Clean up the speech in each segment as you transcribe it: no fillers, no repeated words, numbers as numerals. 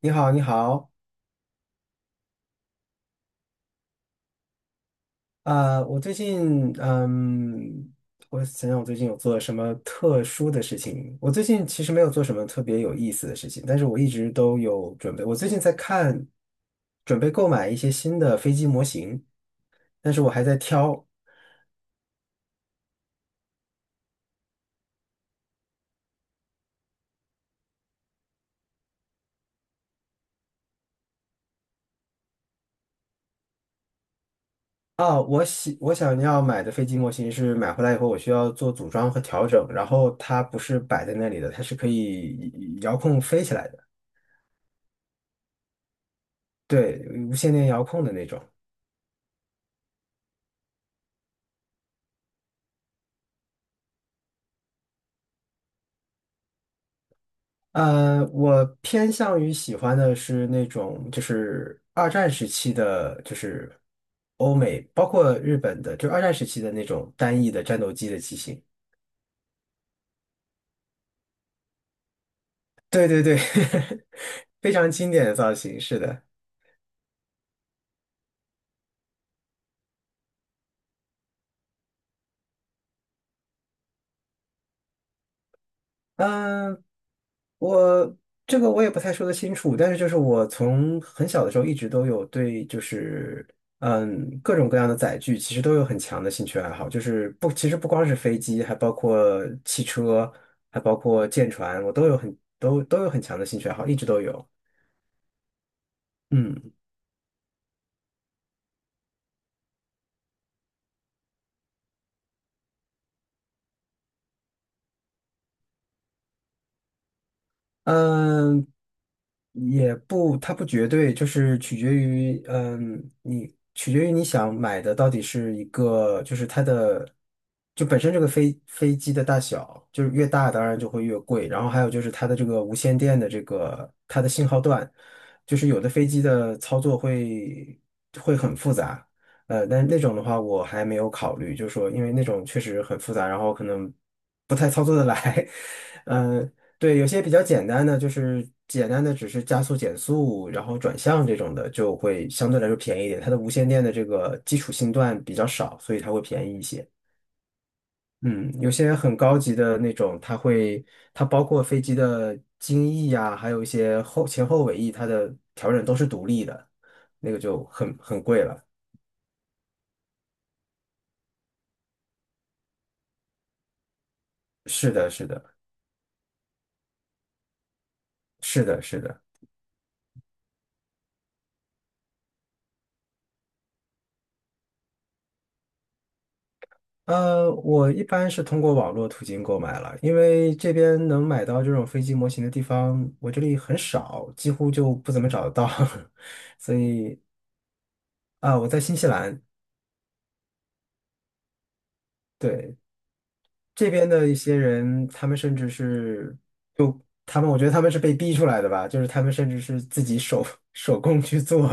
你好，你好。我最近，我想想，我最近有做什么特殊的事情？我最近其实没有做什么特别有意思的事情，但是我一直都有准备。我最近在看，准备购买一些新的飞机模型，但是我还在挑。哦，我想要买的飞机模型是买回来以后，我需要做组装和调整，然后它不是摆在那里的，它是可以遥控飞起来的。对，无线电遥控的那种。我偏向于喜欢的是那种，就是二战时期的，就是欧美，包括日本的，就二战时期的那种单翼的战斗机的机型。对对对，非常经典的造型，是的。嗯，我这个我也不太说得清楚，但是就是我从很小的时候一直都有对就是各种各样的载具其实都有很强的兴趣爱好，就是不其实不光是飞机，还包括汽车，还包括舰船，我都有都有很强的兴趣爱好，一直都有。嗯。嗯，也不，它不绝对，就是取决于，你取决于你想买的到底是一个，就是它的，就本身这个飞机的大小，就是越大当然就会越贵，然后还有就是它的这个无线电的这个它的信号段，就是有的飞机的操作会很复杂。但是那种的话我还没有考虑，就是说因为那种确实很复杂，然后可能不太操作的来。嗯，对，有些比较简单的，就是简单的只是加速、减速，然后转向这种的，就会相对来说便宜一点。它的无线电的这个基础信段比较少，所以它会便宜一些。嗯，有些很高级的那种，它会它包括飞机的襟翼呀，还有一些后前后尾翼，它的调整都是独立的，那个就很贵了。是的，是的，是的，是的。我一般是通过网络途径购买了，因为这边能买到这种飞机模型的地方，我这里很少，几乎就不怎么找得到。所以啊，我在新西兰。对，这边的一些人，他们甚至是他们，我觉得他们是被逼出来的吧，就是他们甚至是自己手工去做。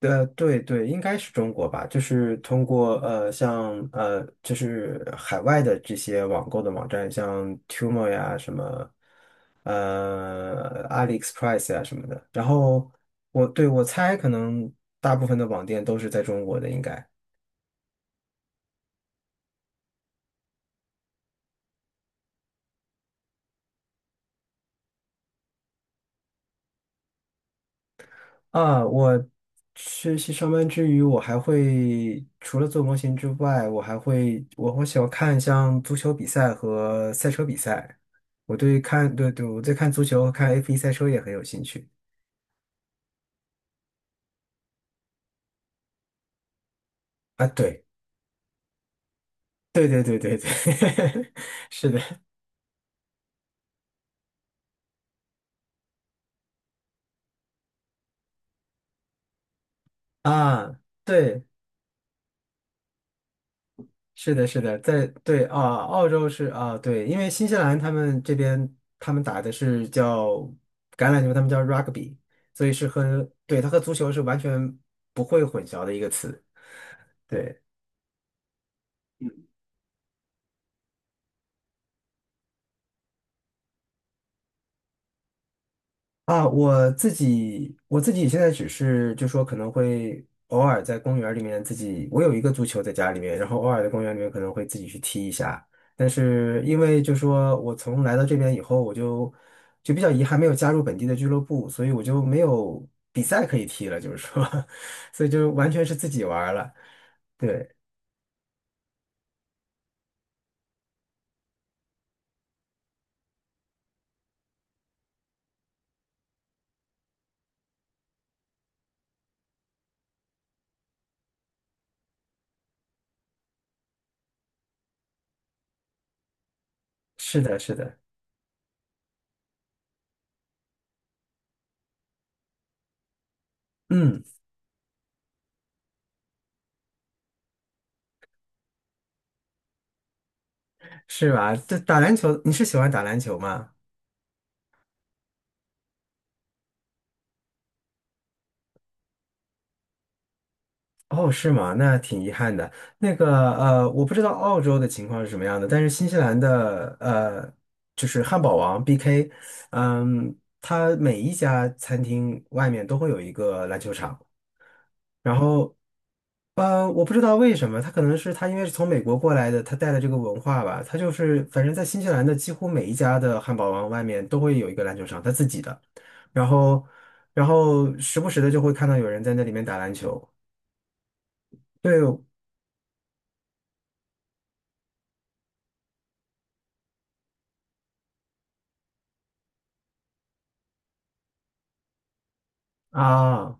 对对，应该是中国吧，就是通过像就是海外的这些网购的网站，像 Temu 呀什么，AliExpress 呀什么的。然后我猜，可能大部分的网店都是在中国的，应该。啊，我学习上班之余，我还会除了做模型之外，我还会我喜欢看像足球比赛和赛车比赛。我对看对对，我对看足球和看 F1赛车也很有兴趣啊。对对对对对对，是的啊，对。是的，是的，对啊，澳洲是啊，对，因为新西兰他们这边他们打的是叫橄榄球，他们叫 rugby，所以对，它和足球是完全不会混淆的一个词。对。啊，我自己现在只是就说可能会偶尔在公园里面自己，我有一个足球在家里面，然后偶尔在公园里面可能会自己去踢一下。但是因为就说我从来到这边以后，我就比较遗憾没有加入本地的俱乐部，所以我就没有比赛可以踢了，就是说，所以就完全是自己玩儿了。对，是的，是的，嗯，是吧？这打篮球，你是喜欢打篮球吗？哦，是吗？那挺遗憾的。那个我不知道澳洲的情况是什么样的，但是新西兰的就是汉堡王 BK，嗯，它每一家餐厅外面都会有一个篮球场。然后我不知道为什么，他可能是他因为是从美国过来的，他带了这个文化吧，他就是反正在新西兰的几乎每一家的汉堡王外面都会有一个篮球场，他自己的。然后然后时不时的就会看到有人在那里面打篮球。对，啊，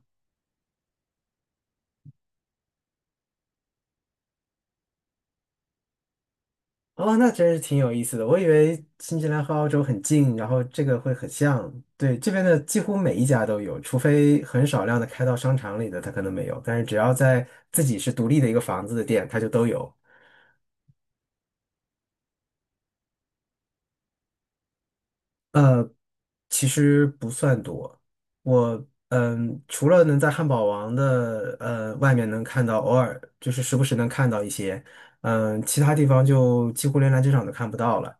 哦，那真是挺有意思的。我以为新西兰和澳洲很近，然后这个会很像。对，这边的几乎每一家都有，除非很少量的开到商场里的，它可能没有。但是只要在自己是独立的一个房子的店，它就都有。呃，其实不算多。除了能在汉堡王的外面能看到，偶尔就是时不时能看到一些。其他地方就几乎连篮球场都看不到了。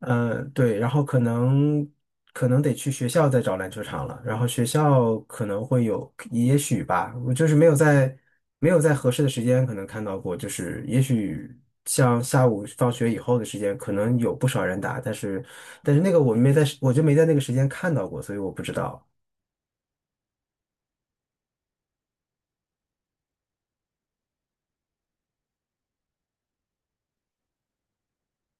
嗯，对，然后可能得去学校再找篮球场了。然后学校可能会有，也许吧，我就是没有在合适的时间可能看到过，就是也许像下午放学以后的时间，可能有不少人打。但是那个我就没在那个时间看到过，所以我不知道。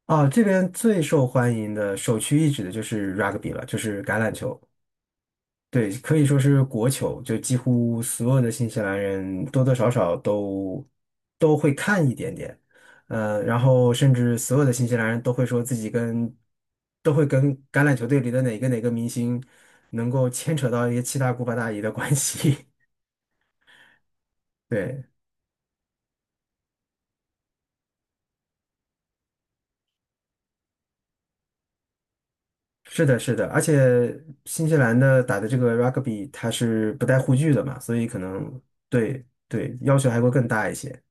啊，这边最受欢迎的首屈一指的就是 rugby 了，就是橄榄球。对，可以说是国球，就几乎所有的新西兰人多多少少都会看一点点。然后甚至所有的新西兰人都会说自己跟都会跟橄榄球队里的哪个哪个明星能够牵扯到一些七大姑八大姨的关系。对，是的，是的，而且新西兰的打的这个 rugby 它是不带护具的嘛，所以可能对对要求还会更大一些。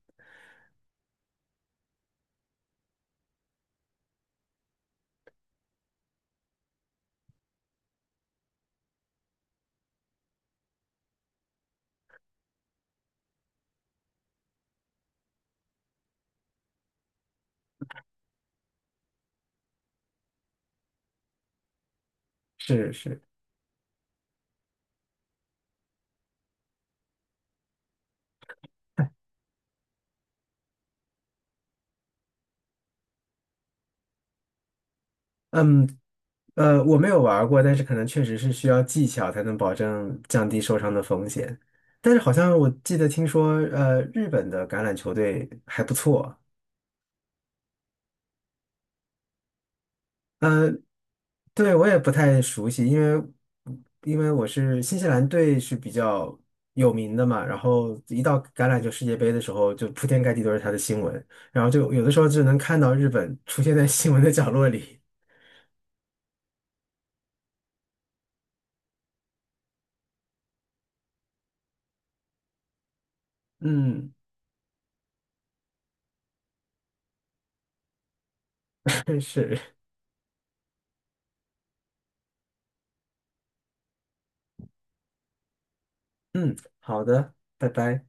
是是，嗯我没有玩儿过，但是可能确实是需要技巧才能保证降低受伤的风险。但是好像我记得听说，日本的橄榄球队还不错。对，我也不太熟悉，因为新西兰队是比较有名的嘛，然后一到橄榄球世界杯的时候，就铺天盖地都是他的新闻，然后就有的时候就能看到日本出现在新闻的角落里。嗯，是，嗯，好的，拜拜。